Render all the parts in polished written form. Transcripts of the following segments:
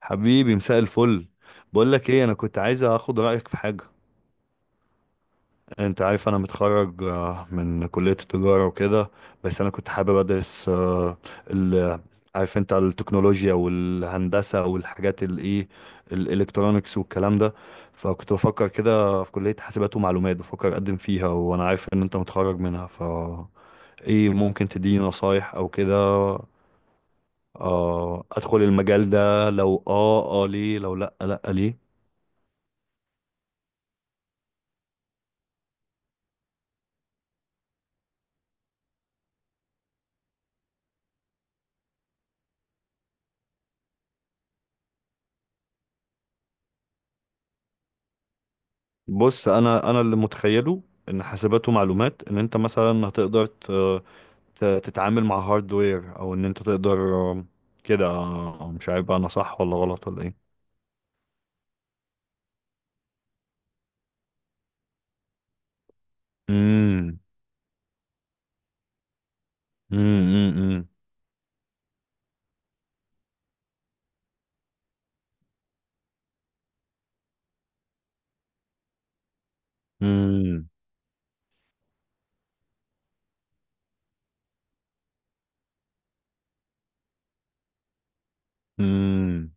حبيبي، مساء الفل. بقول لك ايه، انا كنت عايز اخد رايك في حاجه. انت عارف انا متخرج، من كليه التجاره وكده. بس انا كنت حابب ادرس، ال عارف انت التكنولوجيا والهندسه والحاجات الايه، الالكترونكس والكلام ده. فكنت بفكر كده في كليه حاسبات ومعلومات، بفكر اقدم فيها وانا عارف ان انت متخرج منها. ايه ممكن تديني نصايح او كده؟ ادخل المجال ده، لو ليه، لو لا لا ليه؟ بص، انا اللي متخيله ان حاسبات ومعلومات ان انت مثلا هتقدر تتعامل مع هاردوير، او ان انت تقدر كده. مش عارف بقى انا صح ولا غلط ولا ايه. امم، امم، امم، امم.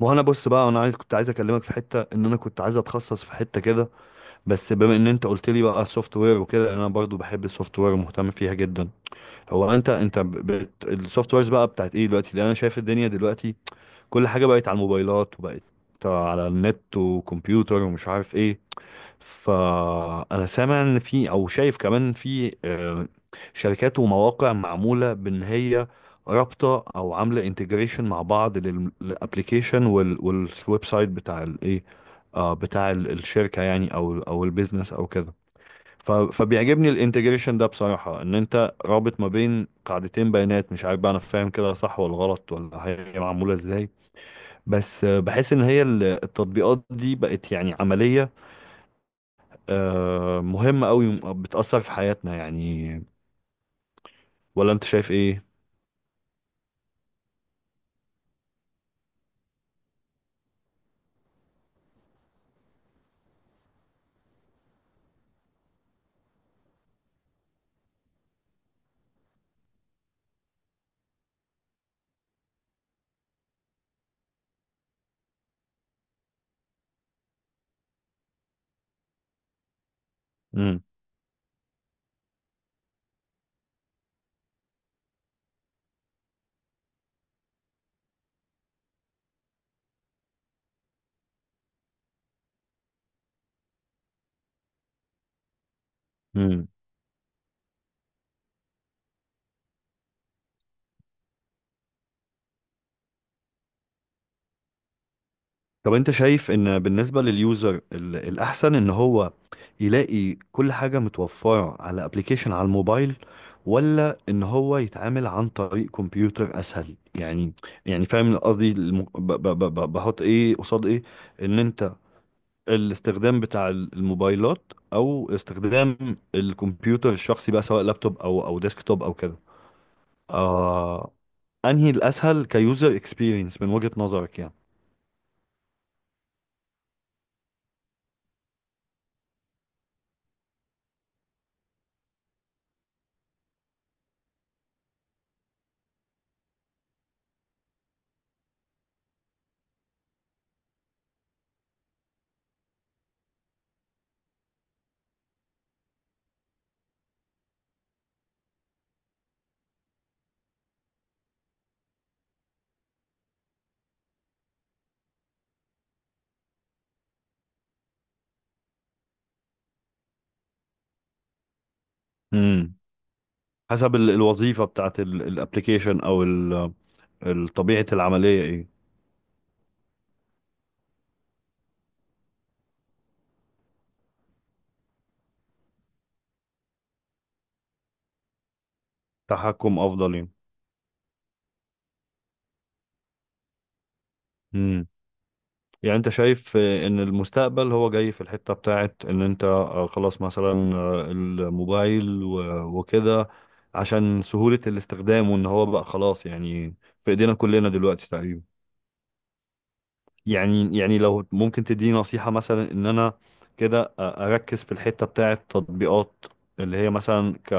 وانا بص بقى، انا عايز كنت عايز اكلمك في حته ان انا كنت عايز اتخصص في حته كده. بس بما ان انت قلت لي بقى السوفت وير وكده، انا برضو بحب السوفت وير ومهتم فيها جدا. هو انت السوفت ويرز بقى بتاعت ايه دلوقتي؟ لان انا شايف الدنيا دلوقتي كل حاجة بقت على الموبايلات، وبقت على النت وكمبيوتر ومش عارف ايه. فأنا سامع ان في، او شايف كمان في، شركات ومواقع معمولة بان هي رابطة او عاملة انتجريشن مع بعض، للابليكيشن والويب سايت بتاع الايه، بتاع الشركة يعني، او البيزنس او كده. فبيعجبني الانتجريشن ده بصراحة، ان انت رابط ما بين قاعدتين بيانات. مش عارف بقى انا فاهم كده صح ولا غلط، ولا هي معمولة ازاي. بس بحس ان هي التطبيقات دي بقت يعني عملية، مهمة قوي، بتأثر في حياتنا يعني. ولا انت شايف ايه؟ مم. مم. طب انت شايف ان بالنسبة لليوزر، الاحسن ان هو يلاقي كل حاجة متوفرة على ابلكيشن على الموبايل، ولا ان هو يتعامل عن طريق كمبيوتر اسهل يعني؟ يعني فاهم قصدي؟ بحط ايه قصاد ايه. ان انت، الاستخدام بتاع الموبايلات او استخدام الكمبيوتر الشخصي بقى، سواء لابتوب او ديسكتوب او كده. آه انهي الاسهل كيوزر اكسبيرينس من وجهة نظرك يعني؟ امم حسب الوظيفة بتاعت الابلكيشن، او طبيعة العملية ايه. تحكم افضل. يعني يعني انت شايف ان المستقبل هو جاي في الحتة بتاعت ان انت، خلاص مثلا، الموبايل وكده، عشان سهولة الاستخدام، وان هو بقى خلاص يعني في ايدينا كلنا دلوقتي تقريبا. يعني لو ممكن تديني نصيحة مثلا، ان انا كده اركز في الحتة بتاعت تطبيقات، اللي هي مثلا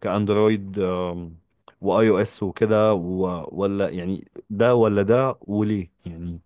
كاندرويد، واي او اس وكده، ولا يعني ده ولا ده، وليه يعني؟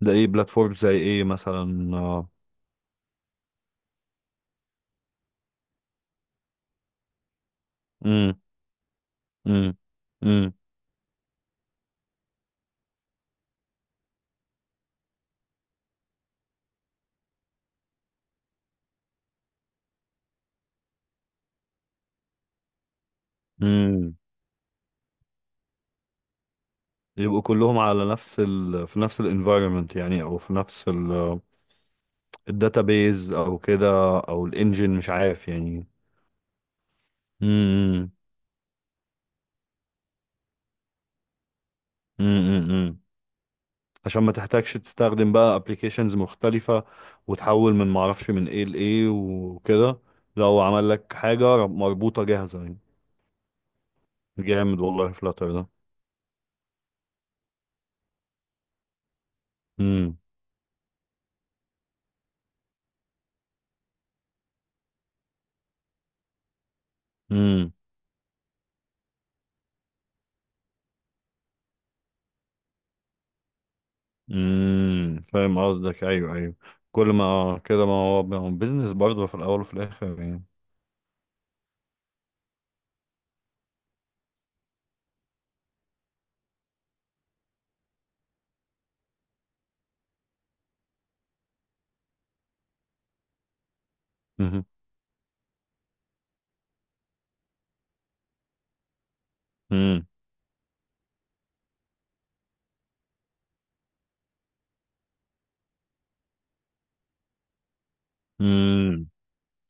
ده ايه بلاتفورم زي ايه مثلا. امم، امم، امم، امم. يبقوا كلهم على نفس في نفس الانفايرمنت يعني، او في نفس الداتابيز او كده، او الانجن، مش عارف يعني. امم، امم. عشان ما تحتاجش تستخدم بقى ابلكيشنز مختلفة، وتحول من معرفش من ايه لايه وكده. لو عمل لك حاجة مربوطة جاهزة يعني. جامد والله فلاتر ده. امم، امم. فاهم قصدك، ايوه ايوه. كل ما كده، ما هو بيزنس برضه في الاول وفي الاخر يعني. مهم. امم، امم.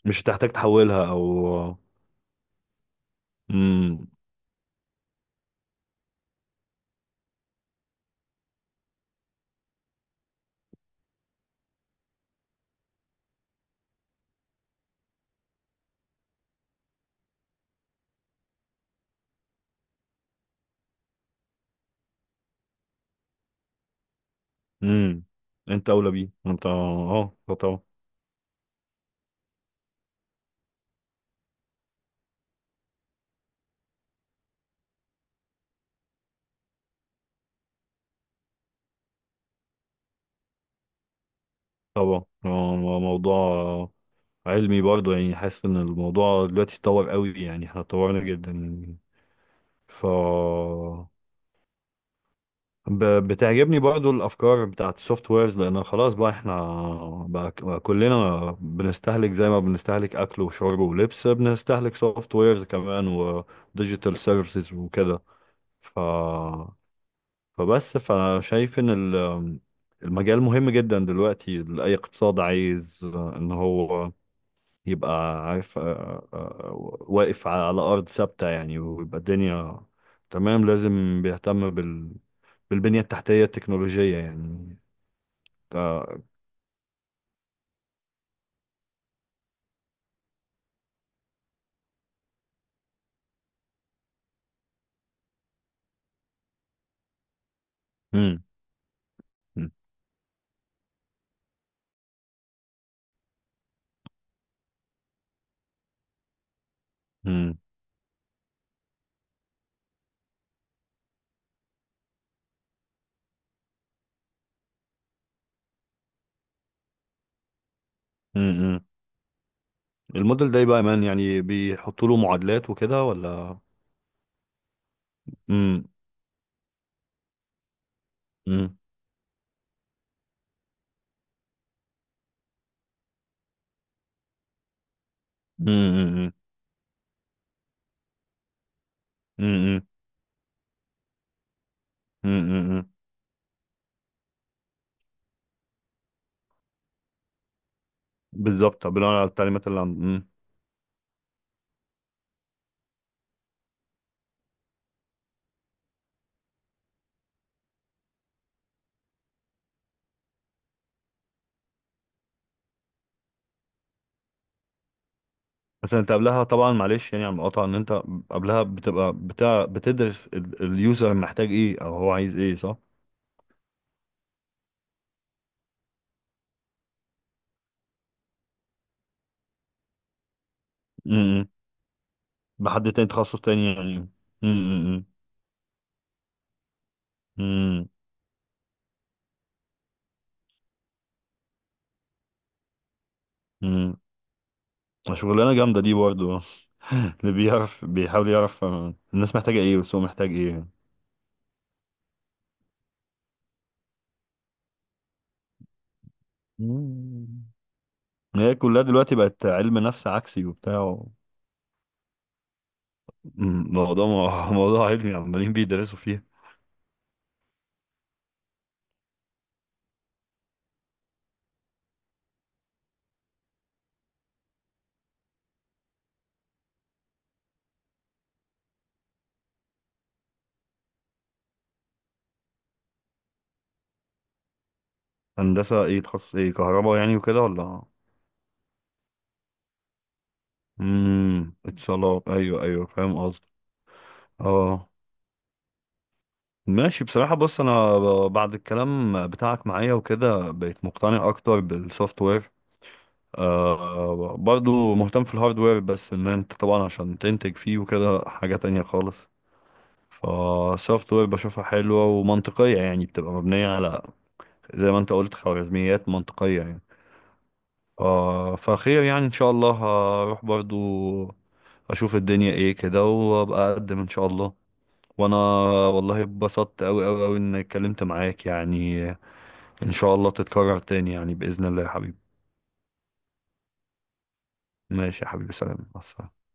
مش هتحتاج تحولها او. امم، امم. انت اولى بيه انت، اه. آه، طبعا. طبعا، موضوع علمي برضه يعني. حاسس ان الموضوع دلوقتي اتطور قوي يعني، احنا اتطورنا جدا ف بتعجبني برضو الافكار بتاعت السوفت ويرز، لان خلاص بقى احنا بقى كلنا بنستهلك، زي ما بنستهلك اكل وشرب ولبس، بنستهلك سوفت ويرز كمان وديجيتال سيرفيسز وكده ف فبس، فشايف ان المجال مهم جدا دلوقتي، لاي اقتصاد عايز ان هو يبقى عارف واقف على ارض ثابتة يعني، ويبقى الدنيا تمام. لازم بيهتم بالبنية التحتية التكنولوجية يعني. آه، امم، امم، امم. الموديل ده يبقى مان يعني، بيحطوا له معادلات وكده ولا؟ امم، امم، امم، امم، امم. بالظبط بناء على التعليمات اللي عند. مم. بس انت قبلها طبعا، معلش يعني على المقاطعة، ان انت قبلها بتبقى بتاع، بتدرس اليوزر محتاج ايه او هو عايز ايه، صح؟ امم لحد تاني، تخصص تاني يعني. امم، امم. شغلانة جامدة دي برضو. اللي بيعرف بيحاول يعرف، الناس محتاجة ايه والسوق محتاج ايه. مم. هي كلها دلوقتي بقت علم نفس عكسي وبتاع. موضوع موضوع علمي عمالين بيدرسوا فيه. هندسة ايه؟ تخصص ايه، كهرباء يعني وكده ولا؟ اتصالات، ايوه ايوه، فاهم قصدي، اه. ماشي بصراحة، بص انا بعد الكلام بتاعك معايا وكده، بقيت مقتنع اكتر بالسوفت وير. برضو مهتم في الهاردوير، بس ان انت طبعا عشان تنتج فيه وكده حاجة تانية خالص. فالسوفت وير بشوفها حلوة ومنطقية يعني، بتبقى مبنية على زي ما انت قلت، خوارزميات منطقية يعني. فخير يعني، ان شاء الله هروح برضو. اشوف الدنيا ايه كده، وابقى اقدم ان شاء الله. وانا والله اتبسطت اوي اوي اوي اني اتكلمت معاك يعني. ان شاء الله تتكرر تاني يعني، باذن الله يا حبيبي. ماشي يا حبيبي، سلام مع السلامة.